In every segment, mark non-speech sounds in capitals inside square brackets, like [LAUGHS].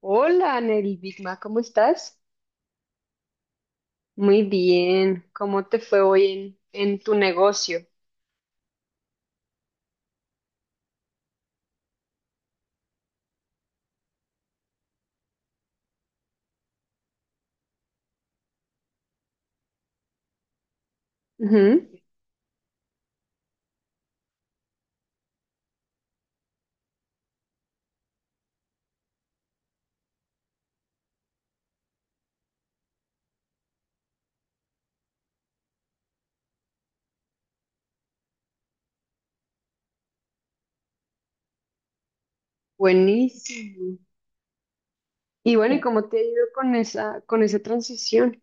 Hola, Nelly Bigma, ¿cómo estás? Muy bien. ¿Cómo te fue hoy en tu negocio? Ujú. Buenísimo. Y bueno, ¿y cómo te ha ido con esa transición?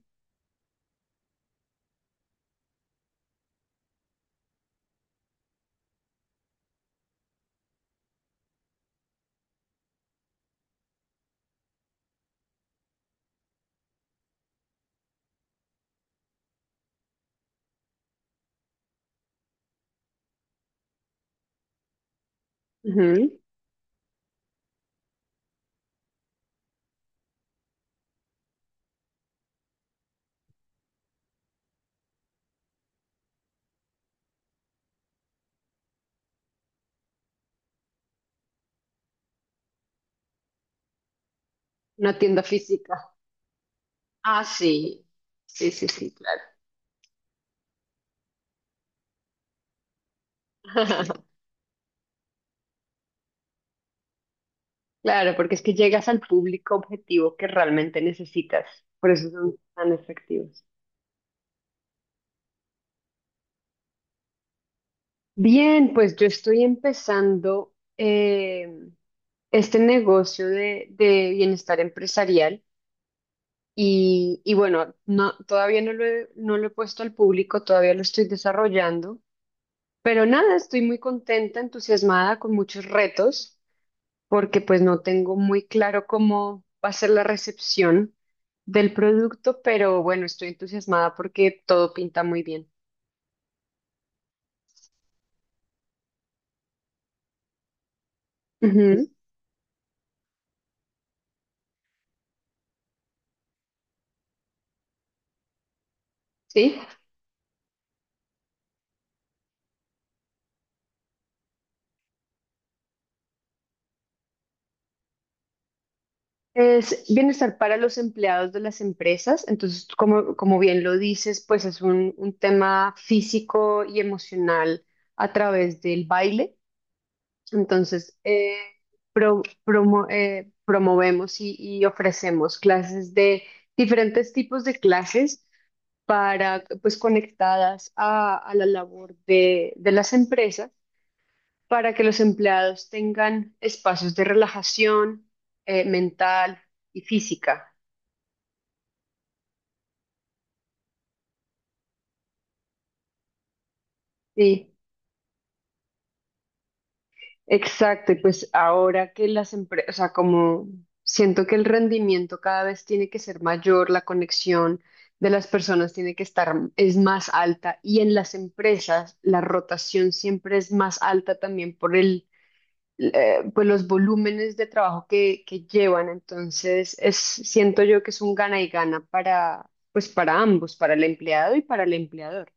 Ujú. Una tienda física. Ah, sí. Sí, sí, sí, claro. [LAUGHS] Claro, porque es que llegas al público objetivo que realmente necesitas. Por eso son tan efectivos. Bien, pues yo estoy empezando este negocio de bienestar empresarial. Y bueno, no, todavía no lo he, no lo he puesto al público, todavía lo estoy desarrollando, pero nada, estoy muy contenta, entusiasmada, con muchos retos, porque pues no tengo muy claro cómo va a ser la recepción del producto, pero bueno, estoy entusiasmada porque todo pinta muy bien. Ujú. Sí, es bienestar para los empleados de las empresas, entonces como, como bien lo dices, pues es un tema físico y emocional a través del baile. Entonces, promovemos y ofrecemos clases de diferentes tipos de clases para, pues, conectadas a la labor de las empresas para que los empleados tengan espacios de relajación mental y física. ¿Sí? Exacto, y pues ahora que las empresas, o sea, como siento que el rendimiento cada vez tiene que ser mayor, la conexión de las personas tiene que estar, es más alta, y en las empresas la rotación siempre es más alta también por pues los volúmenes de trabajo que llevan, entonces es, siento yo que es un gana y gana para, pues para ambos, para el empleado y para el empleador.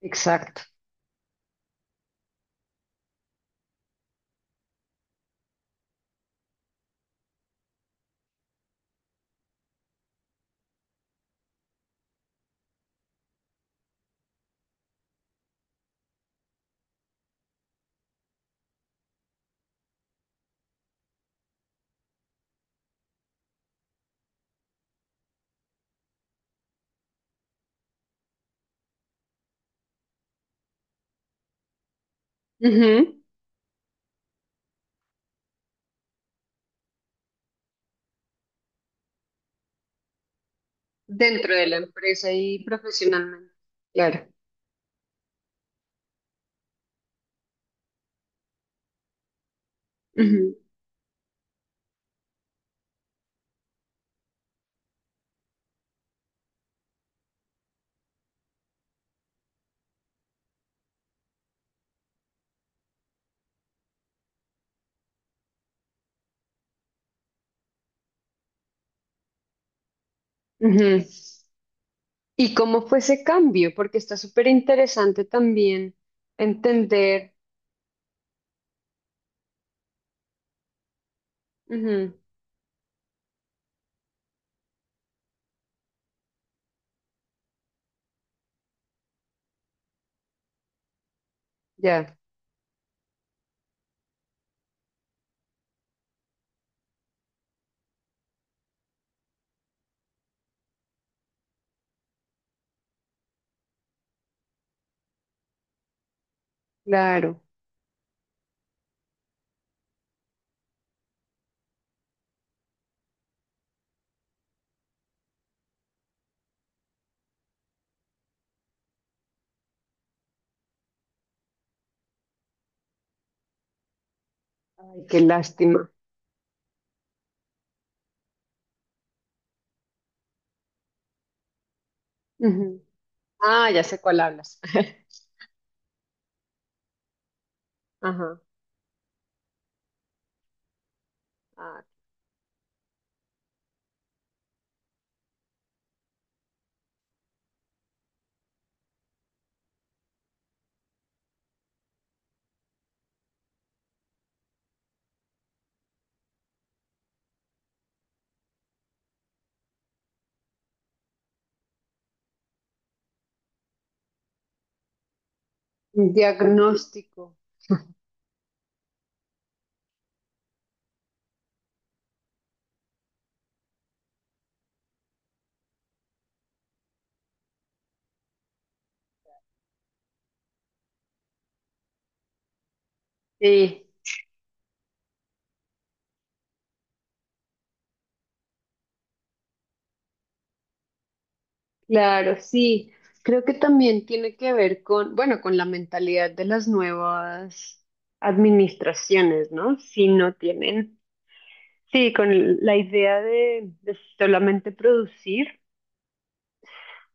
Exacto. Ujú. Dentro de la empresa y profesionalmente. Claro. Ujú, ujú. ¿Y cómo fue ese cambio? Porque está súper interesante también entender. Ujú. Ya, claro. Ay, qué lástima. Ujú. Ah, ya sé cuál hablas. [LAUGHS] Ajá. Ah, un diagnóstico. Sí, claro, sí. Creo que también tiene que ver con, bueno, con la mentalidad de las nuevas administraciones, ¿no? Si no tienen, sí, con la idea de solamente producir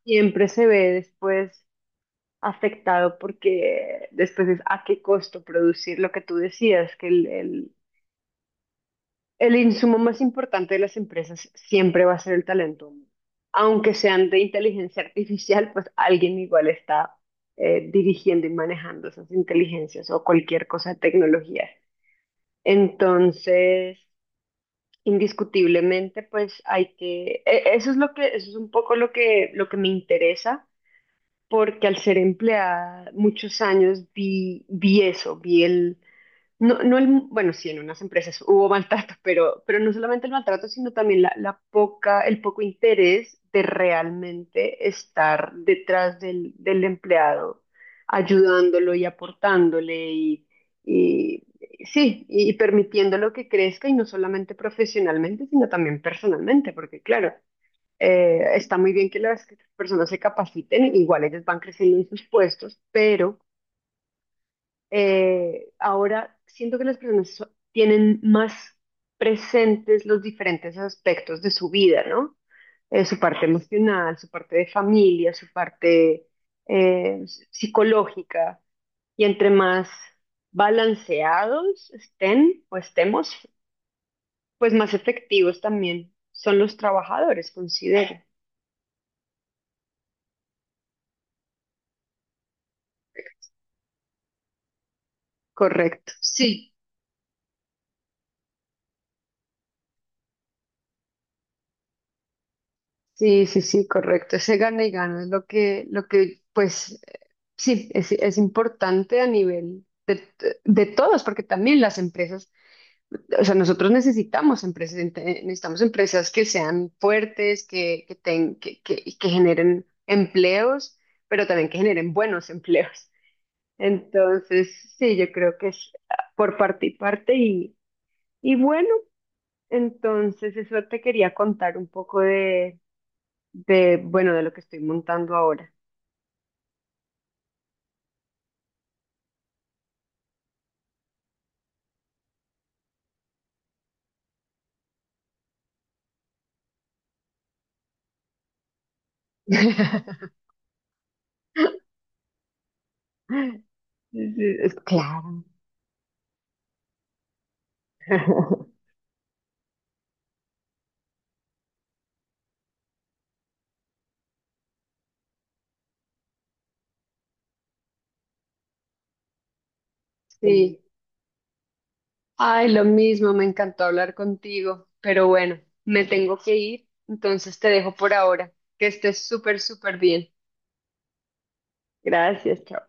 siempre se ve después afectado porque después es a qué costo producir lo que tú decías, que el insumo más importante de las empresas siempre va a ser el talento humano. Aunque sean de inteligencia artificial, pues alguien igual está dirigiendo y manejando esas inteligencias o cualquier cosa de tecnología. Entonces, indiscutiblemente, pues hay que, eso es lo que, eso es un poco lo que me interesa porque al ser empleada muchos años vi, vi eso, vi el, no, no el, bueno, sí, en unas empresas hubo [LAUGHS] maltrato, pero no solamente el maltrato, sino también la poca, el poco interés de realmente estar detrás del empleado, ayudándolo y aportándole y sí, y permitiéndolo que crezca y no solamente profesionalmente, sino también personalmente, porque claro. Está muy bien que las personas se capaciten, igual ellas van creciendo en sus puestos, pero ahora siento que las personas tienen más presentes los diferentes aspectos de su vida, ¿no? Su parte emocional, su parte de familia, su parte psicológica, y entre más balanceados estén o estemos, pues más efectivos también son los trabajadores, considero. Correcto. Sí. Sí, sí, sí, correcto. Ese gana y gana es lo que, pues, sí, es importante a nivel de todos, porque también las empresas, o sea, nosotros necesitamos empresas, necesitamos empresas que sean fuertes, que, ten- que, y que generen empleos, pero también que generen buenos [LAUGHS] empleos. Entonces, sí, yo creo que es por parte y parte y bueno, entonces eso te quería contar un poco de, bueno, de lo que estoy montando ahora. [LAUGHS] Es- Claro. [LAUGHS] Sí. Sí, ay, lo mismo, me encantó hablar contigo, pero bueno, me tengo que ir, entonces te dejo por ahora. Que estés súper, súper bien. Gracias, chao.